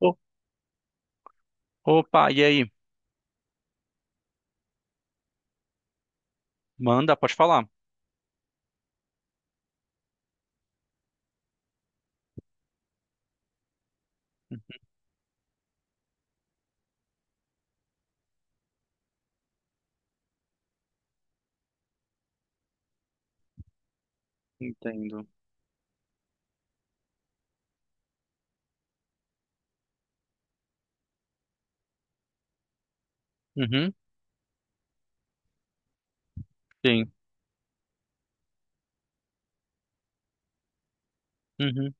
O- Opa, e aí? Manda, pode falar. Entendo. Uhum, sim. Uhum.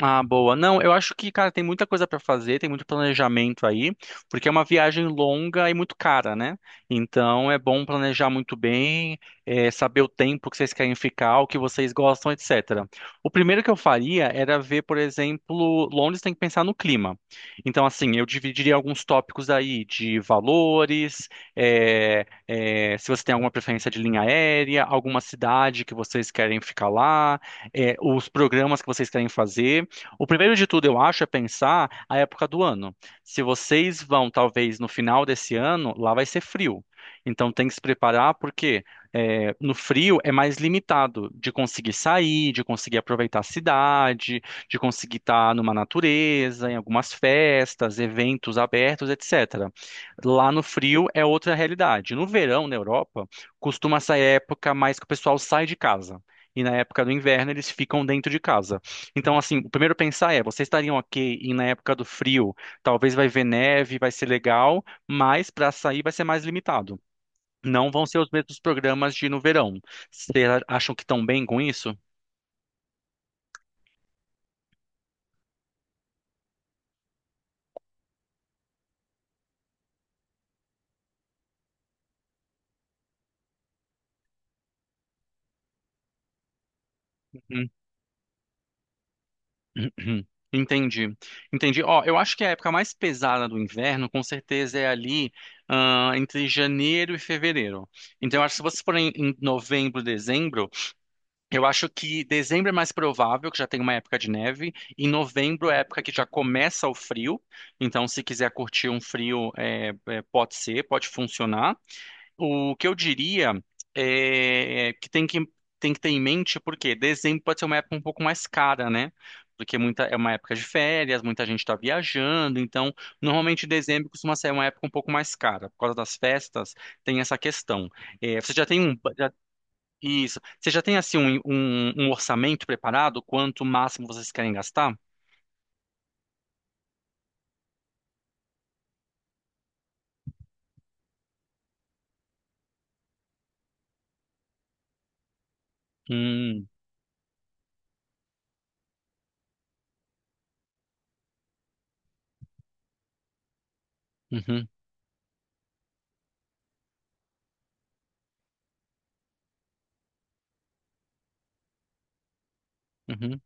Ah, boa. Não, eu acho que, cara, tem muita coisa para fazer, tem muito planejamento aí, porque é uma viagem longa e muito cara, né? Então é bom planejar muito bem, saber o tempo que vocês querem ficar, o que vocês gostam, etc. O primeiro que eu faria era ver, por exemplo, Londres tem que pensar no clima. Então, assim, eu dividiria alguns tópicos aí de valores, se você tem alguma preferência de linha aérea, alguma cidade que vocês querem ficar lá, os programas que vocês querem fazer. O primeiro de tudo, eu acho, é pensar a época do ano. Se vocês vão, talvez, no final desse ano, lá vai ser frio. Então tem que se preparar porque no frio é mais limitado de conseguir sair, de conseguir aproveitar a cidade, de conseguir estar numa natureza, em algumas festas, eventos abertos, etc. Lá no frio é outra realidade. No verão, na Europa, costuma essa época mais que o pessoal sai de casa. E na época do inverno eles ficam dentro de casa. Então, assim, o primeiro pensar é, vocês estariam ok e na época do frio, talvez vai ver neve, vai ser legal, mas para sair vai ser mais limitado. Não vão ser os mesmos programas de no verão. Vocês acham que estão bem com isso? Uhum. Entendi. Entendi. Ó, eu acho que a época mais pesada do inverno, com certeza, é ali, ah, entre janeiro e fevereiro. Então, eu acho que se vocês forem em novembro, dezembro, eu acho que dezembro é mais provável, que já tem uma época de neve. Em novembro é a época que já começa o frio. Então, se quiser curtir um frio, pode ser, pode funcionar. O que eu diria é que tem que ter em mente, porque dezembro pode ser uma época um pouco mais cara, né? Porque é uma época de férias, muita gente está viajando. Então, normalmente dezembro costuma ser uma época um pouco mais cara. Por causa das festas, tem essa questão. É, você já tem um, isso. Você já tem assim um orçamento preparado? Quanto máximo vocês querem gastar? Hum, uhum, uhum.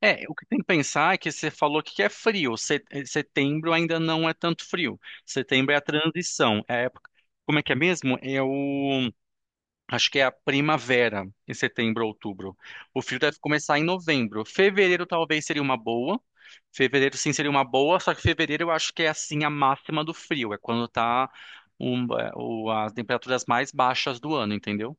É, o que tem que pensar é que você falou que é frio. Setembro ainda não é tanto frio. Setembro é a transição. É a época. Como é que é mesmo? É o Acho que é a primavera, em setembro, outubro. O frio deve começar em novembro. Fevereiro talvez seria uma boa. Fevereiro sim seria uma boa, só que fevereiro eu acho que é assim a máxima do frio. É quando tá as temperaturas mais baixas do ano, entendeu?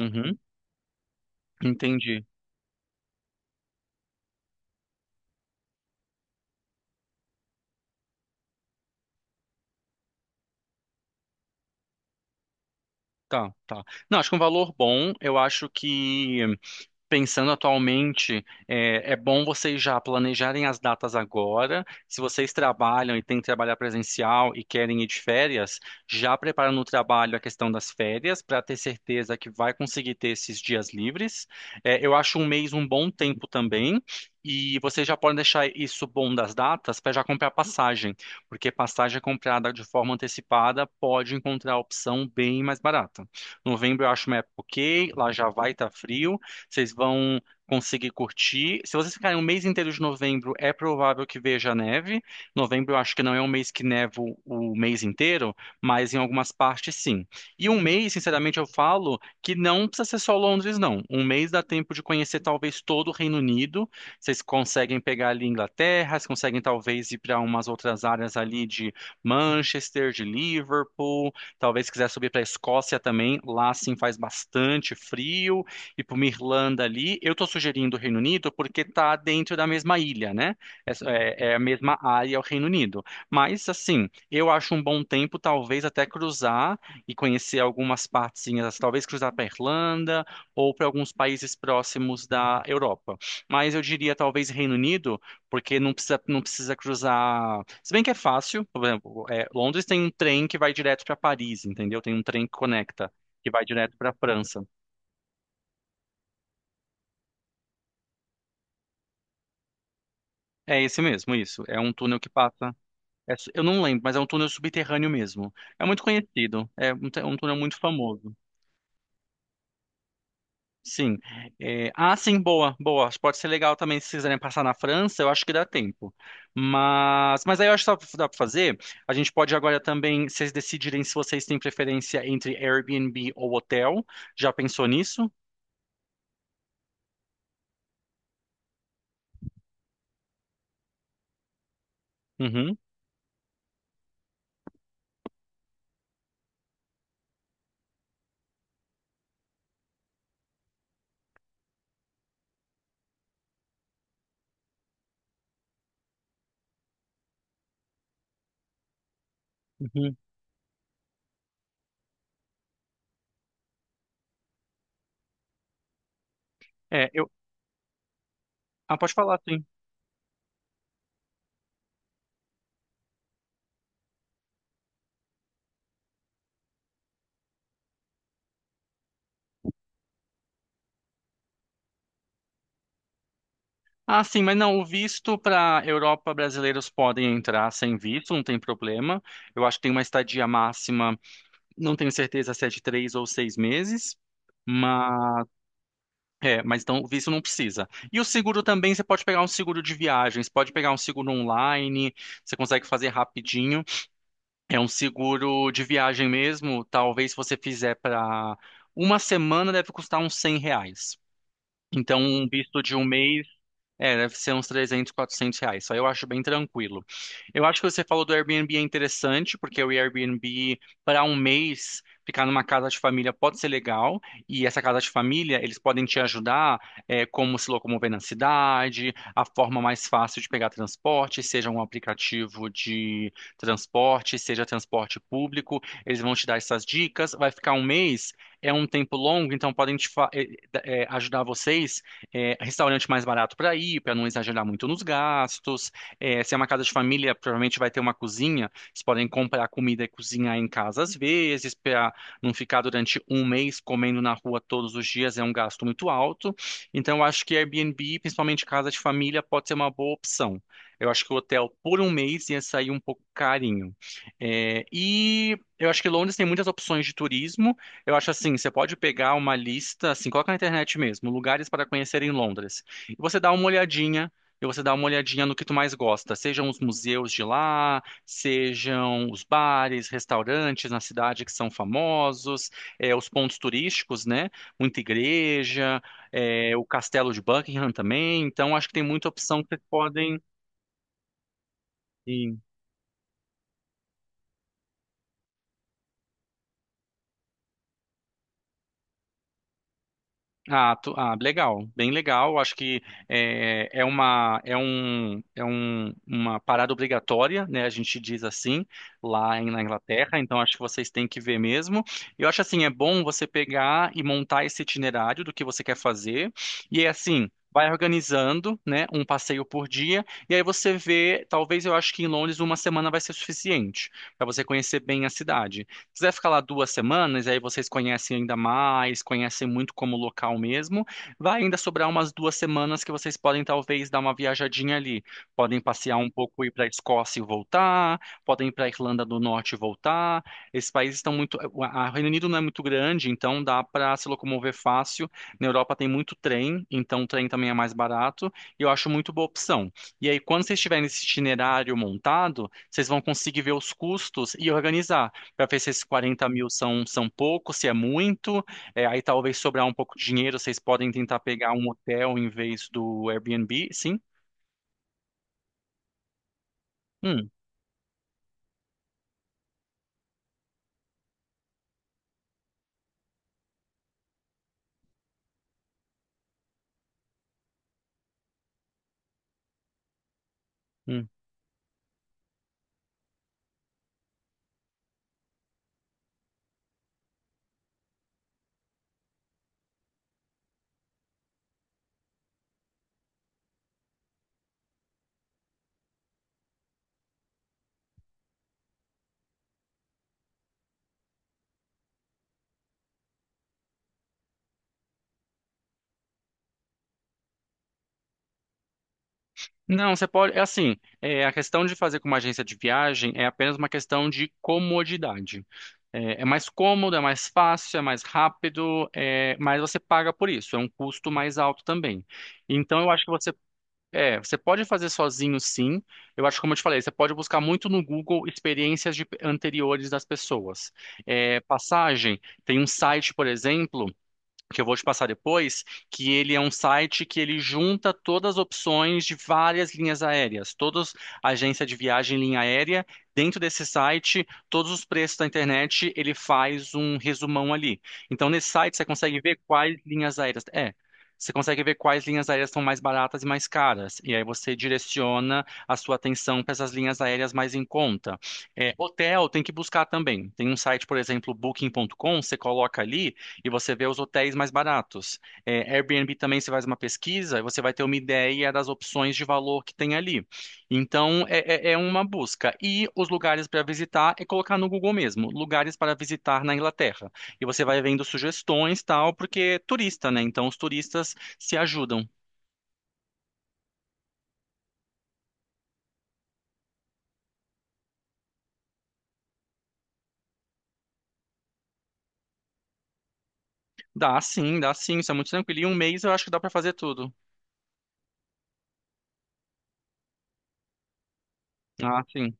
Uhum, entendi. Tá, tá. Não, acho que um valor bom, eu acho que. Pensando atualmente, é, é bom vocês já planejarem as datas agora. Se vocês trabalham e têm que trabalhar presencial e querem ir de férias, já preparando o trabalho a questão das férias para ter certeza que vai conseguir ter esses dias livres. É, eu acho um mês um bom tempo também. E vocês já podem deixar isso bom das datas para já comprar passagem, porque passagem comprada de forma antecipada pode encontrar a opção bem mais barata. Novembro eu acho uma época ok, lá já vai estar frio. Vocês vão conseguir curtir. Se vocês ficarem um mês inteiro de novembro, é provável que veja neve. Novembro eu acho que não é um mês que neva o mês inteiro, mas em algumas partes sim. E um mês, sinceramente, eu falo que não precisa ser só Londres, não. Um mês dá tempo de conhecer talvez todo o Reino Unido. Vocês conseguem pegar ali Inglaterra, vocês conseguem talvez ir para umas outras áreas ali de Manchester, de Liverpool. Talvez quiser subir para a Escócia também. Lá sim faz bastante frio e para uma Irlanda ali. Eu estou sugerindo o Reino Unido porque está dentro da mesma ilha, né? É, é a mesma área, o Reino Unido. Mas, assim, eu acho um bom tempo, talvez, até cruzar e conhecer algumas partezinhas, talvez cruzar para Irlanda ou para alguns países próximos da Europa. Mas eu diria, talvez, Reino Unido, porque não precisa cruzar. Se bem que é fácil, por exemplo, é, Londres tem um trem que vai direto para Paris, entendeu? Tem um trem que conecta, que vai direto para França. É esse mesmo, isso. É um túnel que passa. Eu não lembro, mas é um túnel subterrâneo mesmo. É muito conhecido. É um, um túnel muito famoso. Sim. É, ah, sim, boa, boa. Acho que pode ser legal também se quiserem passar na França, eu acho que dá tempo. Mas aí eu acho que dá pra fazer. A gente pode agora também, vocês decidirem se vocês têm preferência entre Airbnb ou hotel. Já pensou nisso? Uhum. Uhum. É, eu. Ah, pode falar. Ah, sim, mas não, o visto para Europa brasileiros podem entrar sem visto, não tem problema. Eu acho que tem uma estadia máxima, não tenho certeza se é de 3 ou 6 meses, mas é, mas então o visto não precisa. E o seguro também, você pode pegar um seguro de viagens, pode pegar um seguro online, você consegue fazer rapidinho. É um seguro de viagem mesmo, talvez se você fizer para uma semana deve custar uns R$ 100. Então, um visto de um mês é, deve ser uns R$ 300, R$ 400. Só eu acho bem tranquilo. Eu acho que você falou do Airbnb é interessante, porque o Airbnb, para um mês, ficar numa casa de família pode ser legal. E essa casa de família, eles podem te ajudar, é, como se locomover na cidade, a forma mais fácil de pegar transporte, seja um aplicativo de transporte, seja transporte público. Eles vão te dar essas dicas. Vai ficar um mês, é um tempo longo, então podem te ajudar vocês restaurante mais barato para ir, para não exagerar muito nos gastos. É, se é uma casa de família, provavelmente vai ter uma cozinha. Vocês podem comprar comida e cozinhar em casa às vezes, para não ficar durante um mês comendo na rua todos os dias, é um gasto muito alto. Então, eu acho que Airbnb, principalmente casa de família, pode ser uma boa opção. Eu acho que o hotel por um mês ia sair um pouco carinho. É, e eu acho que Londres tem muitas opções de turismo. Eu acho assim, você pode pegar uma lista, assim, coloca na internet mesmo, lugares para conhecer em Londres. E você dá uma olhadinha, e você dá uma olhadinha no que tu mais gosta, sejam os museus de lá, sejam os bares, restaurantes na cidade que são famosos, os pontos turísticos, né? Muita igreja, o Castelo de Buckingham também. Então, acho que tem muita opção que vocês podem. Ah, legal, bem legal. Acho que é, é uma é um, uma parada obrigatória, né? A gente diz assim lá na Inglaterra. Então acho que vocês têm que ver mesmo. Eu acho assim é bom você pegar e montar esse itinerário do que você quer fazer e é assim. Vai organizando, né, um passeio por dia, e aí você vê, talvez eu acho que em Londres uma semana vai ser suficiente para você conhecer bem a cidade quiser ficar lá 2 semanas, aí vocês conhecem ainda mais, conhecem muito como local mesmo, vai ainda sobrar umas 2 semanas que vocês podem talvez dar uma viajadinha ali. Podem passear um pouco, ir para a Escócia e voltar, podem ir para a Irlanda do Norte e voltar. Esses países estão muito. A Reino Unido não é muito grande, então dá para se locomover fácil. Na Europa tem muito trem, então o trem também é mais barato, e eu acho muito boa opção. E aí, quando vocês tiverem esse itinerário montado, vocês vão conseguir ver os custos e organizar para ver se esses 40 mil são pouco, se é muito. É, aí talvez sobrar um pouco de dinheiro, vocês podem tentar pegar um hotel em vez do Airbnb, sim? Hum, hum. Não, você pode. É assim, é, a questão de fazer com uma agência de viagem é apenas uma questão de comodidade. É, é mais cômodo, é mais fácil, é mais rápido, é, mas você paga por isso, é um custo mais alto também. Então, eu acho que você é, você pode fazer sozinho, sim. Eu acho, como eu te falei, você pode buscar muito no Google experiências anteriores das pessoas. É, passagem, tem um site, por exemplo que eu vou te passar depois, que ele é um site que ele junta todas as opções de várias linhas aéreas, todas agência de viagem em linha aérea, dentro desse site, todos os preços da internet, ele faz um resumão ali. Então nesse site você consegue ver quais linhas aéreas. Você consegue ver quais linhas aéreas são mais baratas e mais caras. E aí você direciona a sua atenção para essas linhas aéreas mais em conta. É, hotel tem que buscar também. Tem um site, por exemplo, booking.com, você coloca ali, e você vê os hotéis mais baratos. É, Airbnb também você faz uma pesquisa e você vai ter uma ideia das opções de valor que tem ali. Então é uma busca. E os lugares para visitar é colocar no Google mesmo, lugares para visitar na Inglaterra. E você vai vendo sugestões tal, porque é turista, né? Então os turistas se ajudam. Dá sim, isso é muito tranquilo. E um mês eu acho que dá para fazer tudo. Ah, sim.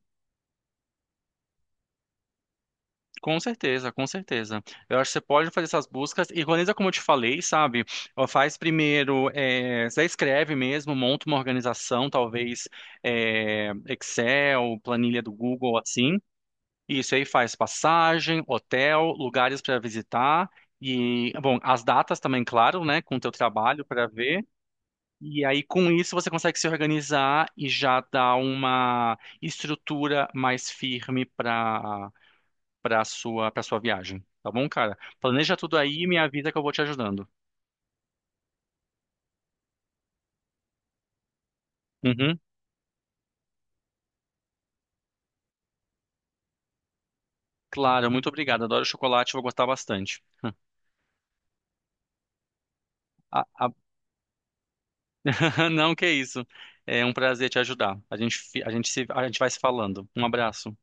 Com certeza, com certeza. Eu acho que você pode fazer essas buscas e organiza como eu te falei, sabe? Ó, faz primeiro, você escreve mesmo, monta uma organização, talvez Excel, planilha do Google, assim. Isso aí faz passagem, hotel, lugares para visitar e, bom, as datas também, claro, né? Com o teu trabalho para ver. E aí, com isso, você consegue se organizar e já dar uma estrutura mais firme para sua viagem, tá bom, cara? Planeja tudo aí e me avisa que eu vou te ajudando. Uhum. Claro, muito obrigado. Adoro chocolate, vou gostar bastante. A- a- Não, que isso. É um prazer te ajudar. A gente, fi- a gente se, a gente vai se falando. Um abraço.